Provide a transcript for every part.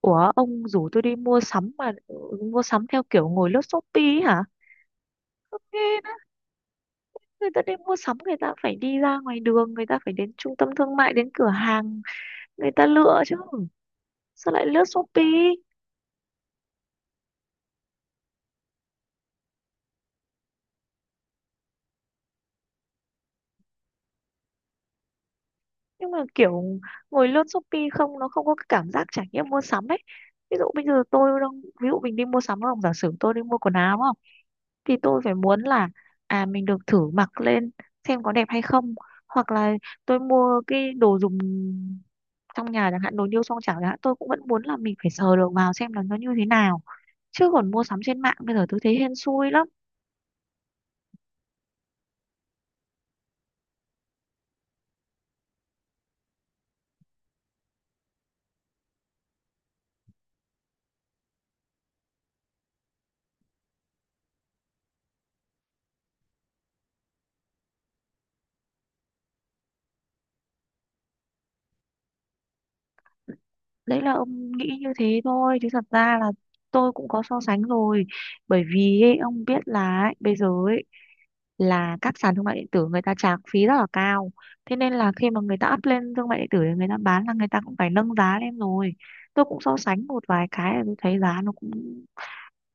Ủa ông rủ tôi đi mua sắm mà mua sắm theo kiểu ngồi lướt Shopee ấy hả? Ghê đó. Người ta đi mua sắm người ta phải đi ra ngoài đường, người ta phải đến trung tâm thương mại, đến cửa hàng, người ta lựa chứ. Sao lại lướt Shopee? Nhưng mà kiểu ngồi lướt Shopee không nó không có cái cảm giác trải nghiệm mua sắm ấy. Ví dụ bây giờ tôi đang Ví dụ mình đi mua sắm đúng không? Giả sử tôi đi mua quần áo đúng không? Thì tôi phải muốn là à mình được thử mặc lên xem có đẹp hay không, hoặc là tôi mua cái đồ dùng trong nhà chẳng hạn, đồ niêu xoong chảo chẳng hạn, tôi cũng vẫn muốn là mình phải sờ được vào xem là nó như thế nào, chứ còn mua sắm trên mạng bây giờ tôi thấy hên xui lắm. Đấy là ông nghĩ như thế thôi, chứ thật ra là tôi cũng có so sánh rồi. Bởi vì ấy, ông biết là ấy, bây giờ ấy, là các sàn thương mại điện tử người ta trả phí rất là cao, thế nên là khi mà người ta up lên thương mại điện tử để người ta bán là người ta cũng phải nâng giá lên rồi. Tôi cũng so sánh một vài cái là tôi thấy giá nó cũng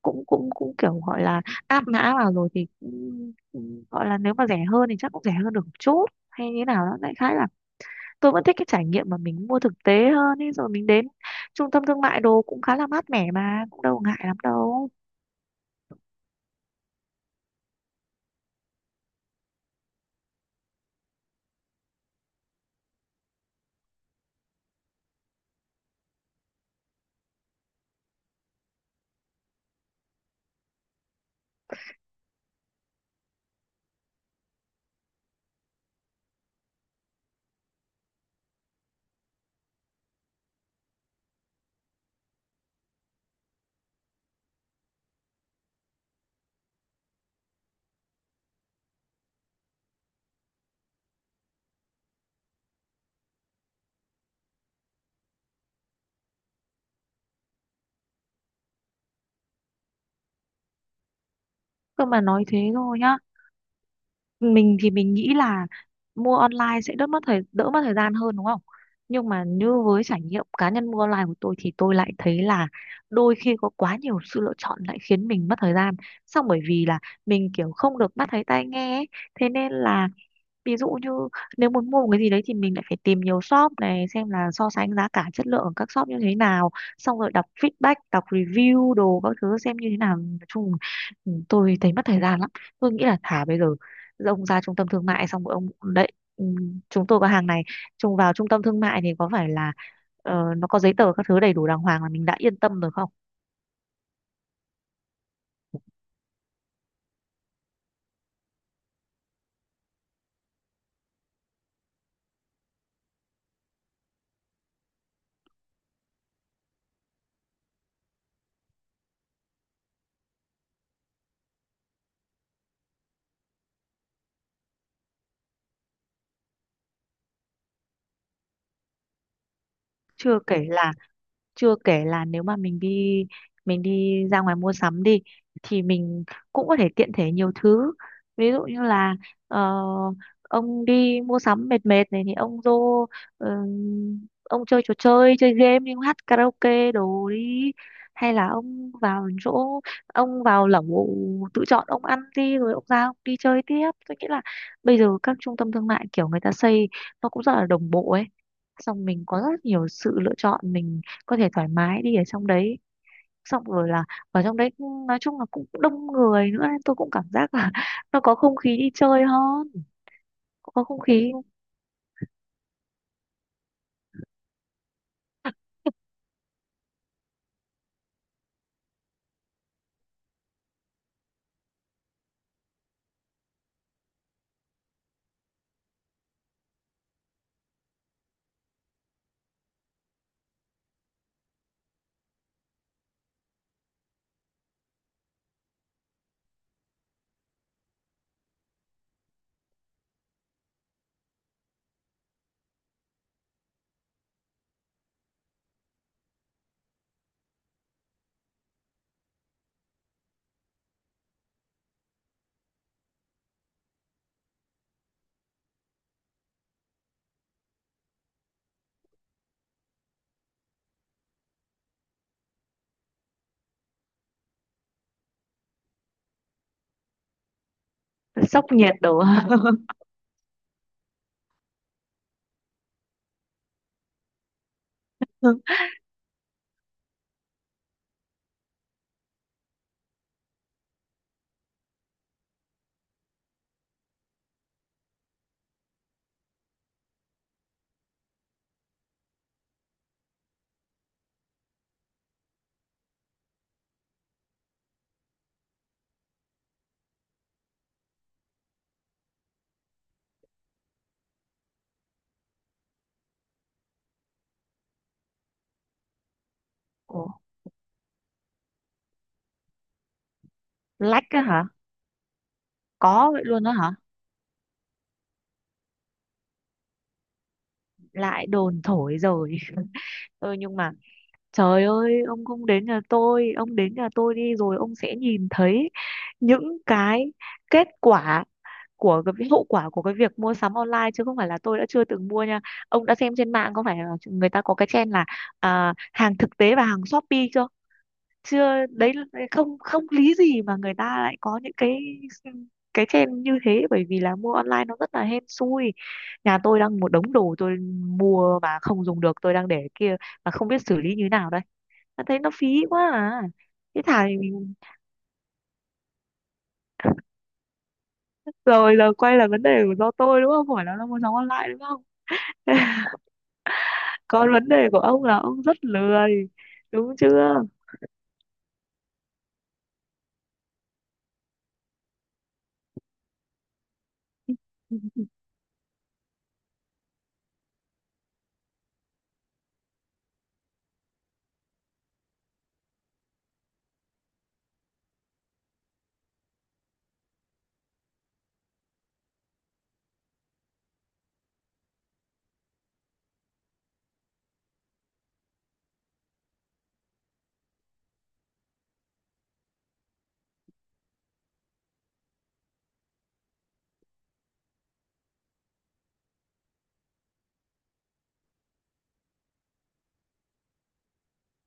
cũng kiểu gọi là áp mã vào rồi thì cũng gọi là nếu mà rẻ hơn thì chắc cũng rẻ hơn được một chút hay như nào đó, đại khái là tôi vẫn thích cái trải nghiệm mà mình mua thực tế hơn ấy, rồi mình đến trung tâm thương mại đồ cũng khá là mát mẻ mà cũng đâu ngại lắm đâu. Cơ mà nói thế thôi nhá, mình thì mình nghĩ là mua online sẽ đỡ mất thời gian hơn đúng không, nhưng mà như với trải nghiệm cá nhân mua online của tôi thì tôi lại thấy là đôi khi có quá nhiều sự lựa chọn lại khiến mình mất thời gian. Xong bởi vì là mình kiểu không được mắt thấy tai nghe ấy. Thế nên là ví dụ như nếu muốn mua một cái gì đấy thì mình lại phải tìm nhiều shop này xem là so sánh giá cả chất lượng ở các shop như thế nào, xong rồi đọc feedback đọc review đồ các thứ xem như thế nào. Nói chung tôi thấy mất thời gian lắm. Tôi nghĩ là thả bây giờ ông ra trung tâm thương mại xong rồi ông đấy, ừ, chúng tôi có hàng này, trùng vào trung tâm thương mại thì có phải là nó có giấy tờ các thứ đầy đủ đàng hoàng là mình đã yên tâm rồi không? Chưa kể là chưa kể là nếu mà mình đi ra ngoài mua sắm đi thì mình cũng có thể tiện thể nhiều thứ. Ví dụ như là ờ, ông đi mua sắm mệt mệt này thì ông chơi trò chơi, chơi game, đi hát karaoke đồ đi, hay là ông vào lẩu tự chọn ông ăn đi rồi ông ra ông đi chơi tiếp. Tôi nghĩ là bây giờ các trung tâm thương mại kiểu người ta xây nó cũng rất là đồng bộ ấy, xong mình có rất nhiều sự lựa chọn, mình có thể thoải mái đi ở trong đấy, xong rồi là ở trong đấy nói chung là cũng đông người nữa, nên tôi cũng cảm giác là nó có không khí đi chơi hơn. Cũng có không khí sốc nhiệt đồ. Ủa, lách á hả? Có vậy luôn đó hả? Lại đồn thổi rồi. Ừ, nhưng mà trời ơi ông không đến nhà tôi, ông đến nhà tôi đi rồi ông sẽ nhìn thấy những cái kết quả của hậu quả của cái việc mua sắm online, chứ không phải là tôi đã chưa từng mua nha. Ông đã xem trên mạng có phải là người ta có cái trend là à, hàng thực tế và hàng Shopee chưa? Chưa đấy là- không không lý gì mà người ta lại có những cái trend như thế, bởi vì là mua online nó rất là hên xui. Nhà tôi đang một đống đồ tôi mua mà không dùng được, tôi đang để kia mà không biết xử lý như nào đây. Mà thấy nó phí quá à. Thế thà thì mình- rồi là quay lại vấn đề của do tôi đúng không phải là nó mua sắm online đúng không. Thế còn vấn đề của ông là ông rất lười, đúng chưa?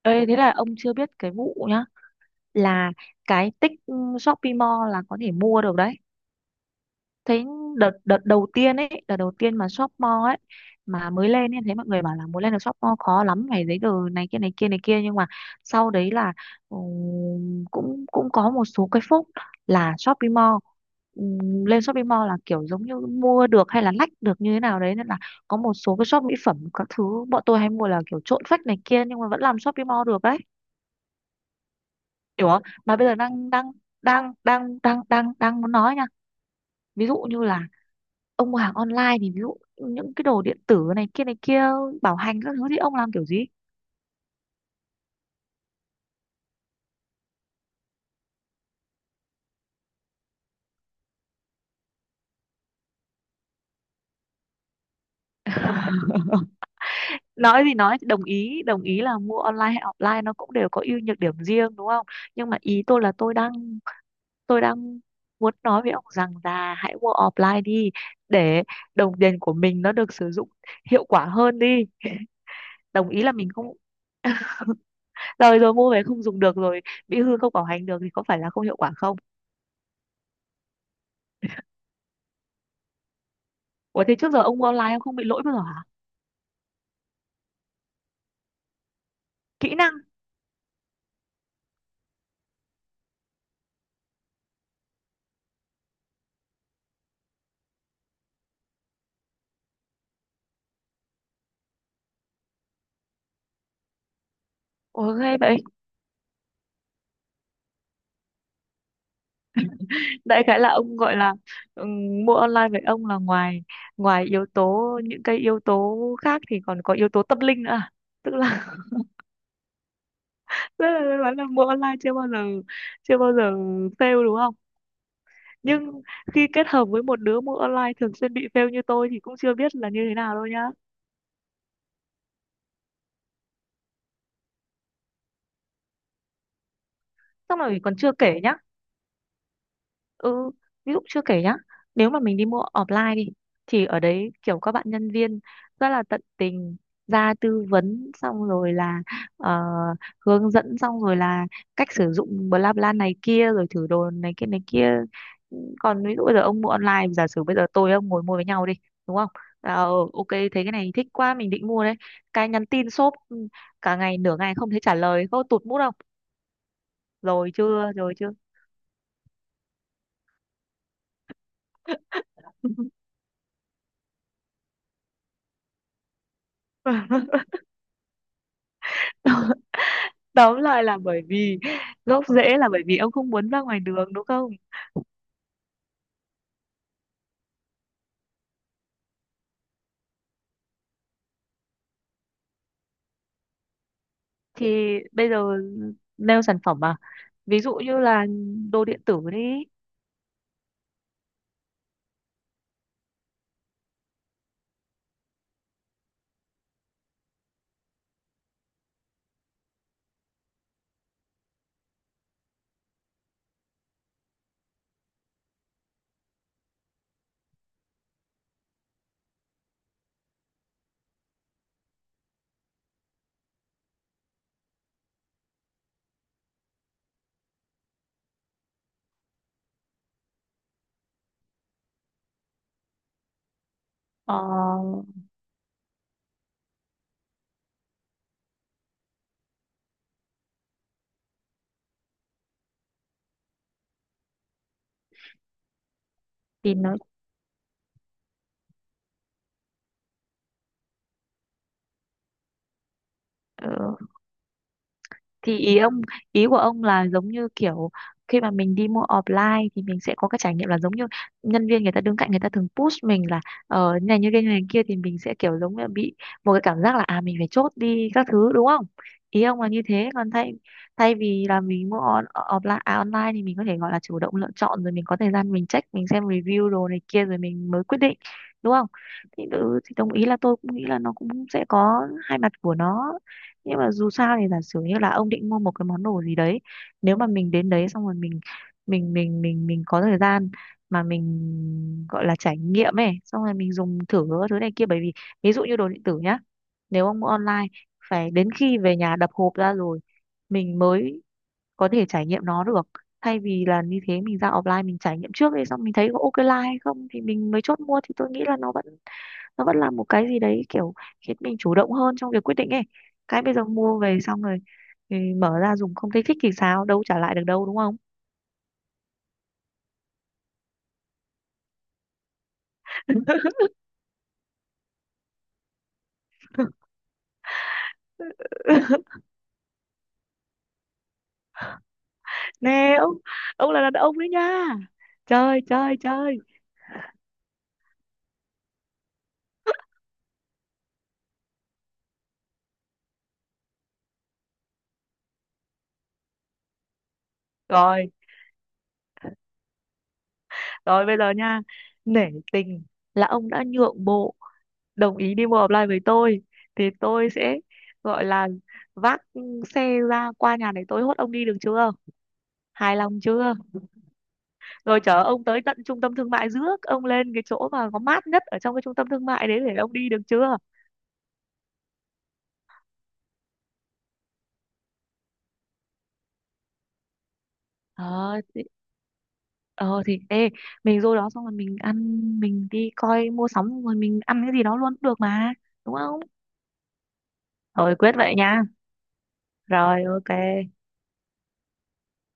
Ê, thế là ông chưa biết cái vụ nhá, là cái tích ừ, Shopee Mall là có thể mua được đấy. Thấy đợt đợt đầu tiên ấy, đợt đầu tiên mà shop mall ấy mà mới lên ấy, thấy mọi người bảo là muốn lên được shop mall khó lắm phải giấy tờ này kia này kia này kia, nhưng mà sau đấy là cũng cũng có một số cái phúc là Shopee Mall. Lên Shopee Mall là kiểu giống như mua được hay là lách được như thế nào đấy, nên là có một số cái shop mỹ phẩm các thứ bọn tôi hay mua là kiểu trộn phách này kia nhưng mà vẫn làm Shopee Mall được đấy, hiểu không? Mà bây giờ đang đang đang đang đang đang đang muốn nói nha. Ví dụ như là ông hàng online thì ví dụ những cái đồ điện tử này kia này kia, bảo hành các thứ thì ông làm kiểu gì? Nói thì nói, đồng ý là mua online hay offline nó cũng đều có ưu nhược điểm riêng đúng không, nhưng mà ý tôi là tôi đang muốn nói với ông rằng là hãy mua offline đi, để đồng tiền của mình nó được sử dụng hiệu quả hơn đi. Đồng ý là mình không, rồi rồi mua về không dùng được, rồi bị hư không bảo hành được thì có phải là không hiệu quả không. Ủa thế trước giờ ông mua online ông không bị lỗi bao giờ hả? Kỹ năng. Ủa ghê vậy. Đại khái là ông gọi là mua online với ông là ngoài ngoài yếu tố những cái yếu tố khác thì còn có yếu tố tâm linh nữa à? Tức là tức là tôi nói là mua online chưa bao giờ fail đúng không, nhưng khi kết hợp với một đứa mua online thường xuyên bị fail như tôi thì cũng chưa biết là như thế nào đâu nhá. Xong rồi còn chưa kể nhá. Ừ, ví dụ chưa kể nhá, nếu mà mình đi mua offline đi, thì ở đấy kiểu các bạn nhân viên rất là tận tình, ra tư vấn xong rồi là ờ, hướng dẫn xong rồi là cách sử dụng bla bla này kia rồi thử đồ này kia này kia. Còn ví dụ bây giờ ông mua online, giả sử bây giờ tôi ông ngồi mua với nhau đi, đúng không? À, ờ, ừ, ok thấy cái này thích quá mình định mua đấy. Cái nhắn tin shop cả ngày nửa ngày không thấy trả lời, có tụt mút không? Rồi chưa, rồi chưa. Tóm lại là bởi vì gốc rễ là bởi vì ông không muốn ra ngoài đường đúng không? Thì bây giờ nêu sản phẩm à, ví dụ như là đồ điện tử đi. Ờ, thì nó ờ, thì Ý ông, ý của ông là giống như kiểu khi mà mình đi mua offline thì mình sẽ có cái trải nghiệm là giống như nhân viên người ta đứng cạnh người ta thường push mình là ờ như này như kia như này kia, thì mình sẽ kiểu giống như là bị một cái cảm giác là à mình phải chốt đi các thứ đúng không, ý ông là như thế. Còn thay thay vì là mình mua on, offline à, online thì mình có thể gọi là chủ động lựa chọn, rồi mình có thời gian mình check mình xem review đồ này kia rồi mình mới quyết định đúng không. Thì, ừ, thì đồng ý là tôi cũng nghĩ là nó cũng sẽ có hai mặt của nó, nhưng mà dù sao thì giả sử như là ông định mua một cái món đồ gì đấy, nếu mà mình đến đấy xong rồi mình có thời gian mà mình gọi là trải nghiệm ấy, xong rồi mình dùng thử các thứ này kia, bởi vì ví dụ như đồ điện tử nhá, nếu ông mua online phải đến khi về nhà đập hộp ra rồi mình mới có thể trải nghiệm nó được, thay vì là như thế mình ra offline mình trải nghiệm trước đi, xong mình thấy có ok like hay không thì mình mới chốt mua, thì tôi nghĩ là nó vẫn là một cái gì đấy kiểu khiến mình chủ động hơn trong việc quyết định ấy. Cái bây giờ mua về xong rồi thì mở ra dùng không thấy thích thì sao, đâu trả lại được đâu đúng không? Nè ông là đàn ông đấy nha. Chơi chơi chơi. Rồi rồi bây giờ nha, nể tình là ông đã nhượng bộ đồng ý đi mua offline với tôi, thì tôi sẽ gọi là vác xe ra qua nhà này tôi hốt ông đi được chưa, hài lòng chưa? Rồi chở ông tới tận trung tâm thương mại, rước ông lên cái chỗ mà có mát nhất ở trong cái trung tâm thương mại đấy để ông đi được chưa. ờ thì, ờ, thì ê, mình vô đó xong rồi mình ăn, mình đi coi mua sắm rồi mình ăn cái gì đó luôn cũng được mà, đúng không? Rồi quyết vậy nha, rồi ok.